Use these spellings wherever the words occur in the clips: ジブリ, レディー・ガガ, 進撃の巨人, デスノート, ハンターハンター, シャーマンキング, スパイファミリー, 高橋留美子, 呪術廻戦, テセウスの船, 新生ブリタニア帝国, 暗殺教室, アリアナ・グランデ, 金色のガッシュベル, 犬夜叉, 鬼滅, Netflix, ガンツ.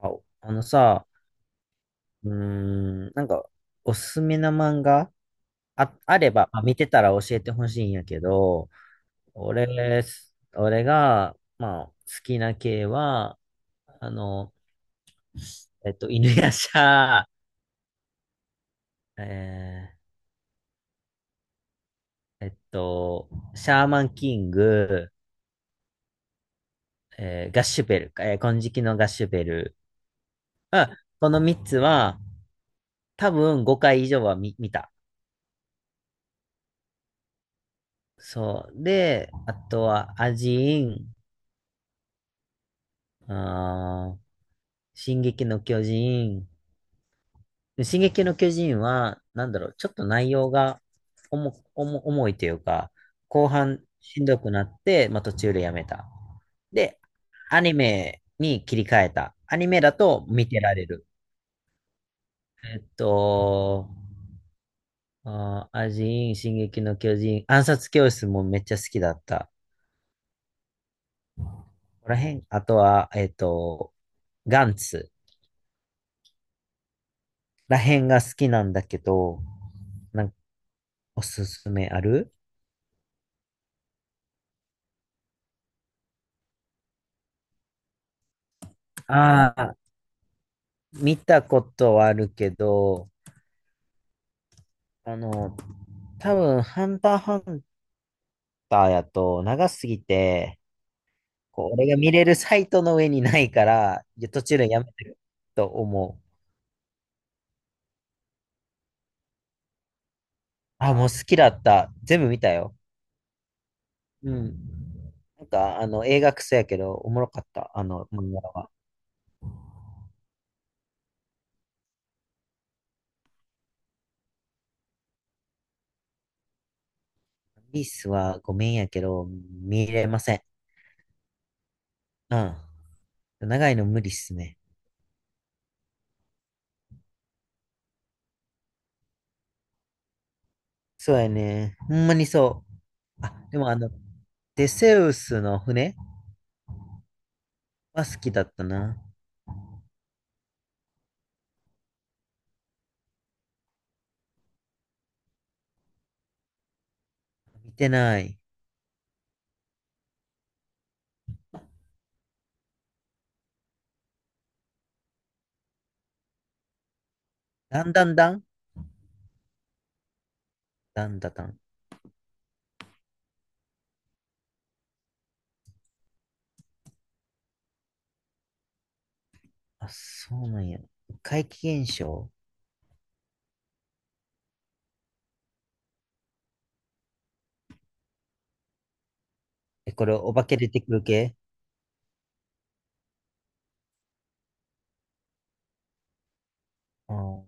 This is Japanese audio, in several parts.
あ、あのさ、うーん、なんか、おすすめな漫画あれば、まあ、見てたら教えてほしいんやけど、俺、俺が、まあ、好きな系は、あの、犬夜叉、えーえっと、シャーマンキング、ガッシュベルか、金色のガッシュベル。あ、この3つは、多分5回以上は見た。そう。で、あとは、アジーン、あー、進撃の巨人。進撃の巨人は、なんだろう、ちょっと内容が重いというか、後半しんどくなって、まあ、途中でやめた。で、アニメに切り替えた。アニメだと見てられる。えっと、あー、アジン、進撃の巨人、暗殺教室もめっちゃ好きだった。ここら辺、あとは、ガンツら辺が好きなんだけど、なんかおすすめある？ああ、見たことはあるけど、あの、多分、ハンターハンターやと長すぎて、こう、俺が見れるサイトの上にないから、いや途中でやめてると思う。あ、もう好きだった。全部見たよ。うん。なんか、映画クソやけど、おもろかった。あの、漫画は。ワースはごめんやけど、見れません。うん。長いの無理っすね。そうやね。ほんまにそう。あ、でもあの、テセウスの船は好きだったな。見てない。だんだんだんだんだだん。あ、そうなんや。怪奇現象。え、これ、お化け出てくる系？あー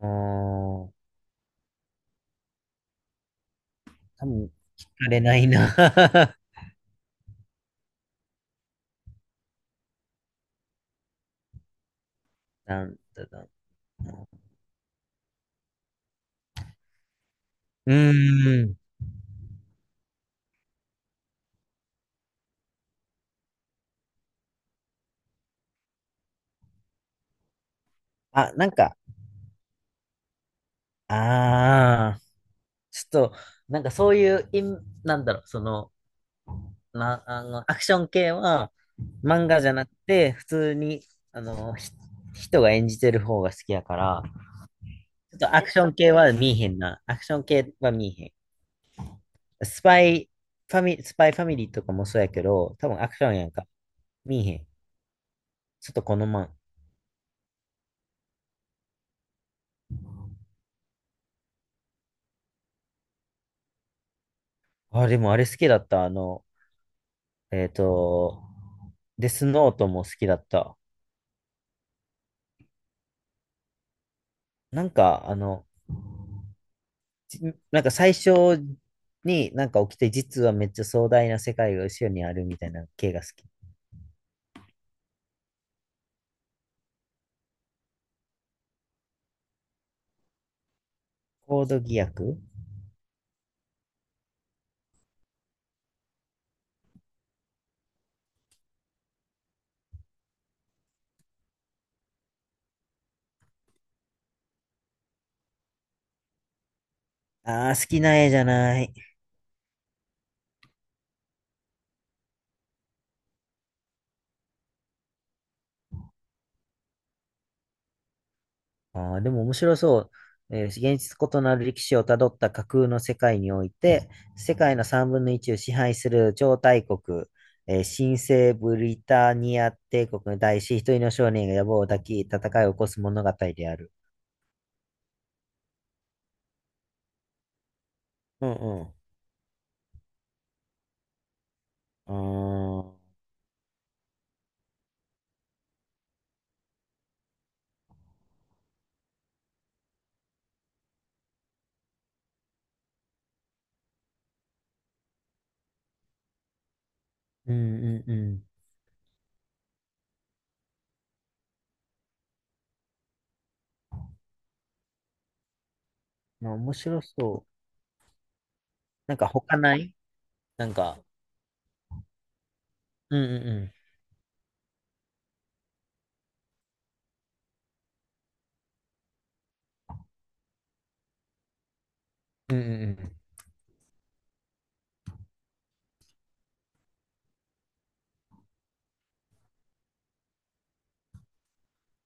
あー、多分、聞かれないな。なんだだん。うーん。あ、なんか、ああ、ちょっと、なんかそういう、なんだろう、その、な、あの、アクション系は、漫画じゃなくて、普通に、あの、ひ人が演じてる方が好きやから、ちょっとアクション系は見えへんな。アクション系は見えへん。スパイファミリーとかもそうやけど、多分アクションやんか。見えへん。ちょっとこのまん。あ、でもあれ好きだった。えっと、デスノートも好きだった。なんか、じなんか最初になんか起きて、実はめっちゃ壮大な世界が後ろにあるみたいな系が好き。コードギアクああー、好きな絵じゃない。ああ、でも面白そう。現実異なる歴史をたどった架空の世界において、世界の3分の1を支配する超大国、新生ブリタニア帝国に対し、一人の少年が野望を抱き、戦いを起こす物語である。うんうん。ああ、うんうんうん。まあ、面白そう。なんか他ない？なんか、うんうんうん。うんうんうん。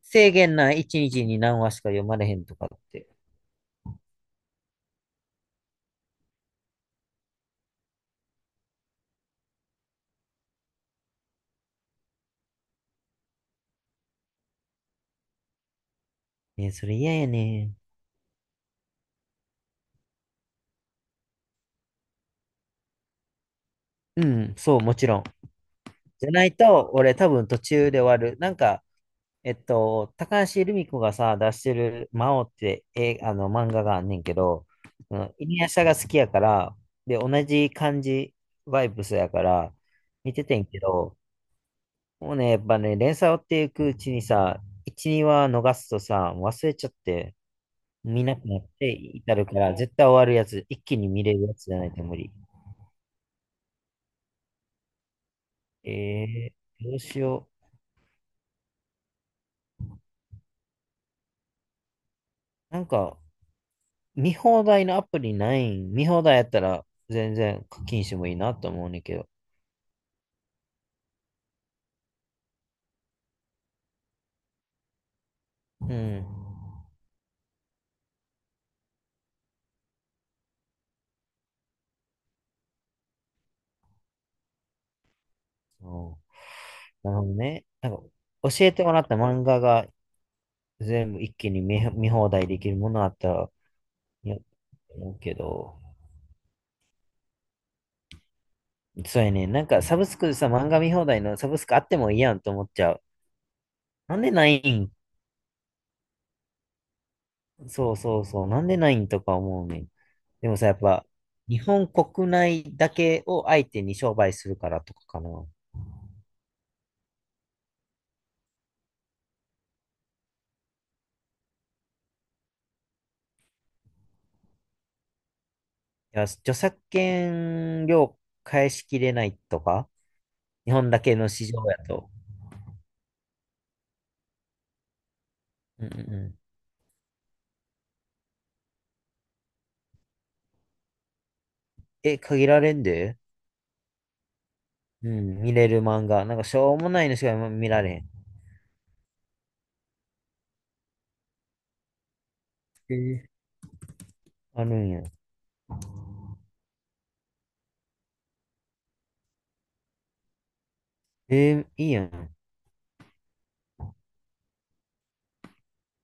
制限ない？1日にちに何話しか読まれへんとかって？ね、それ嫌やね。うん、そう、もちろん。じゃないと、俺多分途中で終わる。なんか、高橋留美子がさ、出してる魔王って、え、あの、漫画があんねんけど、うん、イニアシャが好きやから、で、同じ感じ、バイブスやから、見ててんけど、もうね、やっぱね、連載追っていくうちにさ、1、2話逃すとさ、忘れちゃって、見なくなって至るから、絶対終わるやつ、一気に見れるやつじゃないと無理。えどうしよう。なんか、見放題のアプリないん？見放題やったら全然課金してもいいなと思うねんけど。うん。そう、なるほどね。なんか、教えてもらった漫画が全部一気に見放題できるものあったら、いいなと思うけど。そうやね。なんかサブスクでさ、漫画見放題のサブスクあってもいいやんと思っちゃう。なんでないん？そうそうそう。なんでないんとか思うねん。でもさ、やっぱ、日本国内だけを相手に商売するからとかかな。いや、著作権料返しきれないとか、日本だけの市場やと。うんうんうん。え、限られんで？うん、見れる漫画。なんかしょうもないのしか今見られへん。えーあるんや。いいやん。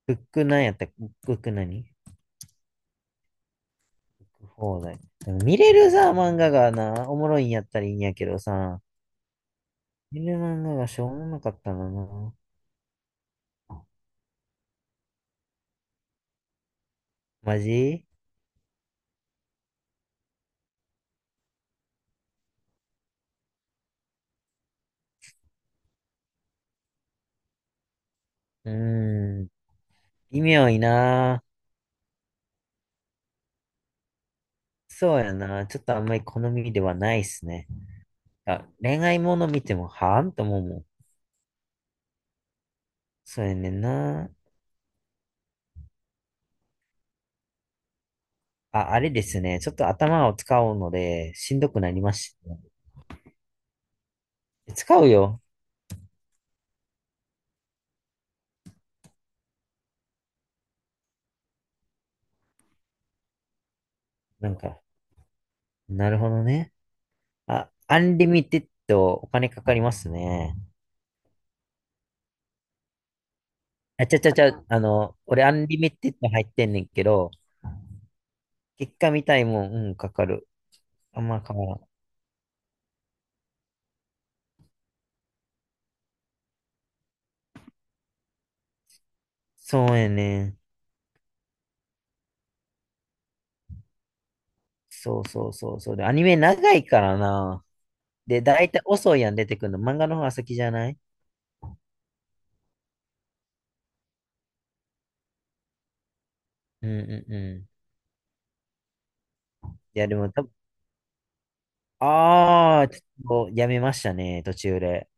ブックなんやったっけ？ブック何放題。なん見れるさ、漫画がな、おもろいんやったらいいんやけどさ、見れる漫画がしょうもなかったのな。マジ？うーん。微妙いな。そうやな。ちょっとあんまり好みではないっすね。あ、恋愛もの見ても、はーんと思うもん。そうやねんな。あ、あれですね。ちょっと頭を使うので、しんどくなりましたね。使うよ。なんか、なるほどね。あ、アンリミテッドお金かかりますね。あ、ちゃちゃちゃ、あの、俺アンリミテッド入ってんねんけど、結果見たいもん、うん、かかる。あんま変わらん。そうやね。そうそうそうそう。で、アニメ長いからな。で、だいたい遅いやん出てくるの。漫画の方が先じゃない？うんうんうん。いや、でもああ、ちょっとやめましたね、途中で。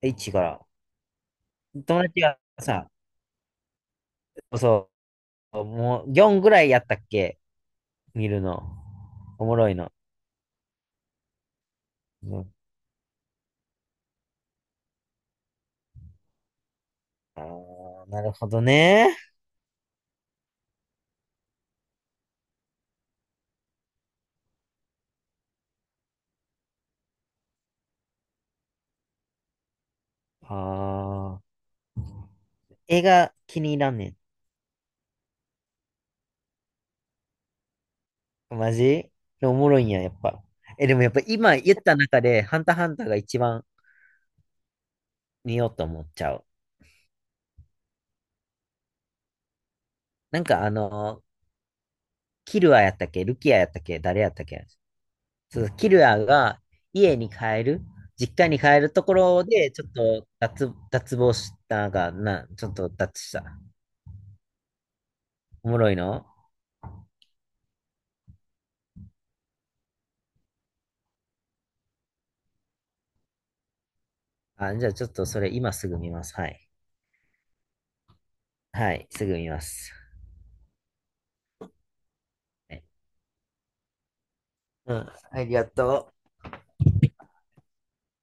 一から。友達がさ、そうう、もう4ぐらいやったっけ？見るの？おもろいの？うん、ああ、なるほどね。ああ、映画気に入らんねん。マジおもろいんや、やっぱ。え、でもやっぱ今言った中で、ハンターハンターが一番見ようと思っちゃう。なんかキルアやったっけ？ルキアやったっけ？誰やったっけ？そのキルアが家に帰る、実家に帰るところで、ちょっと脱帽したが、な、ちょっと脱した。おもろいの？あ、じゃあちょっとそれ今すぐ見ます。はい。はい、すぐ見ます。はい、うん、ありがとう。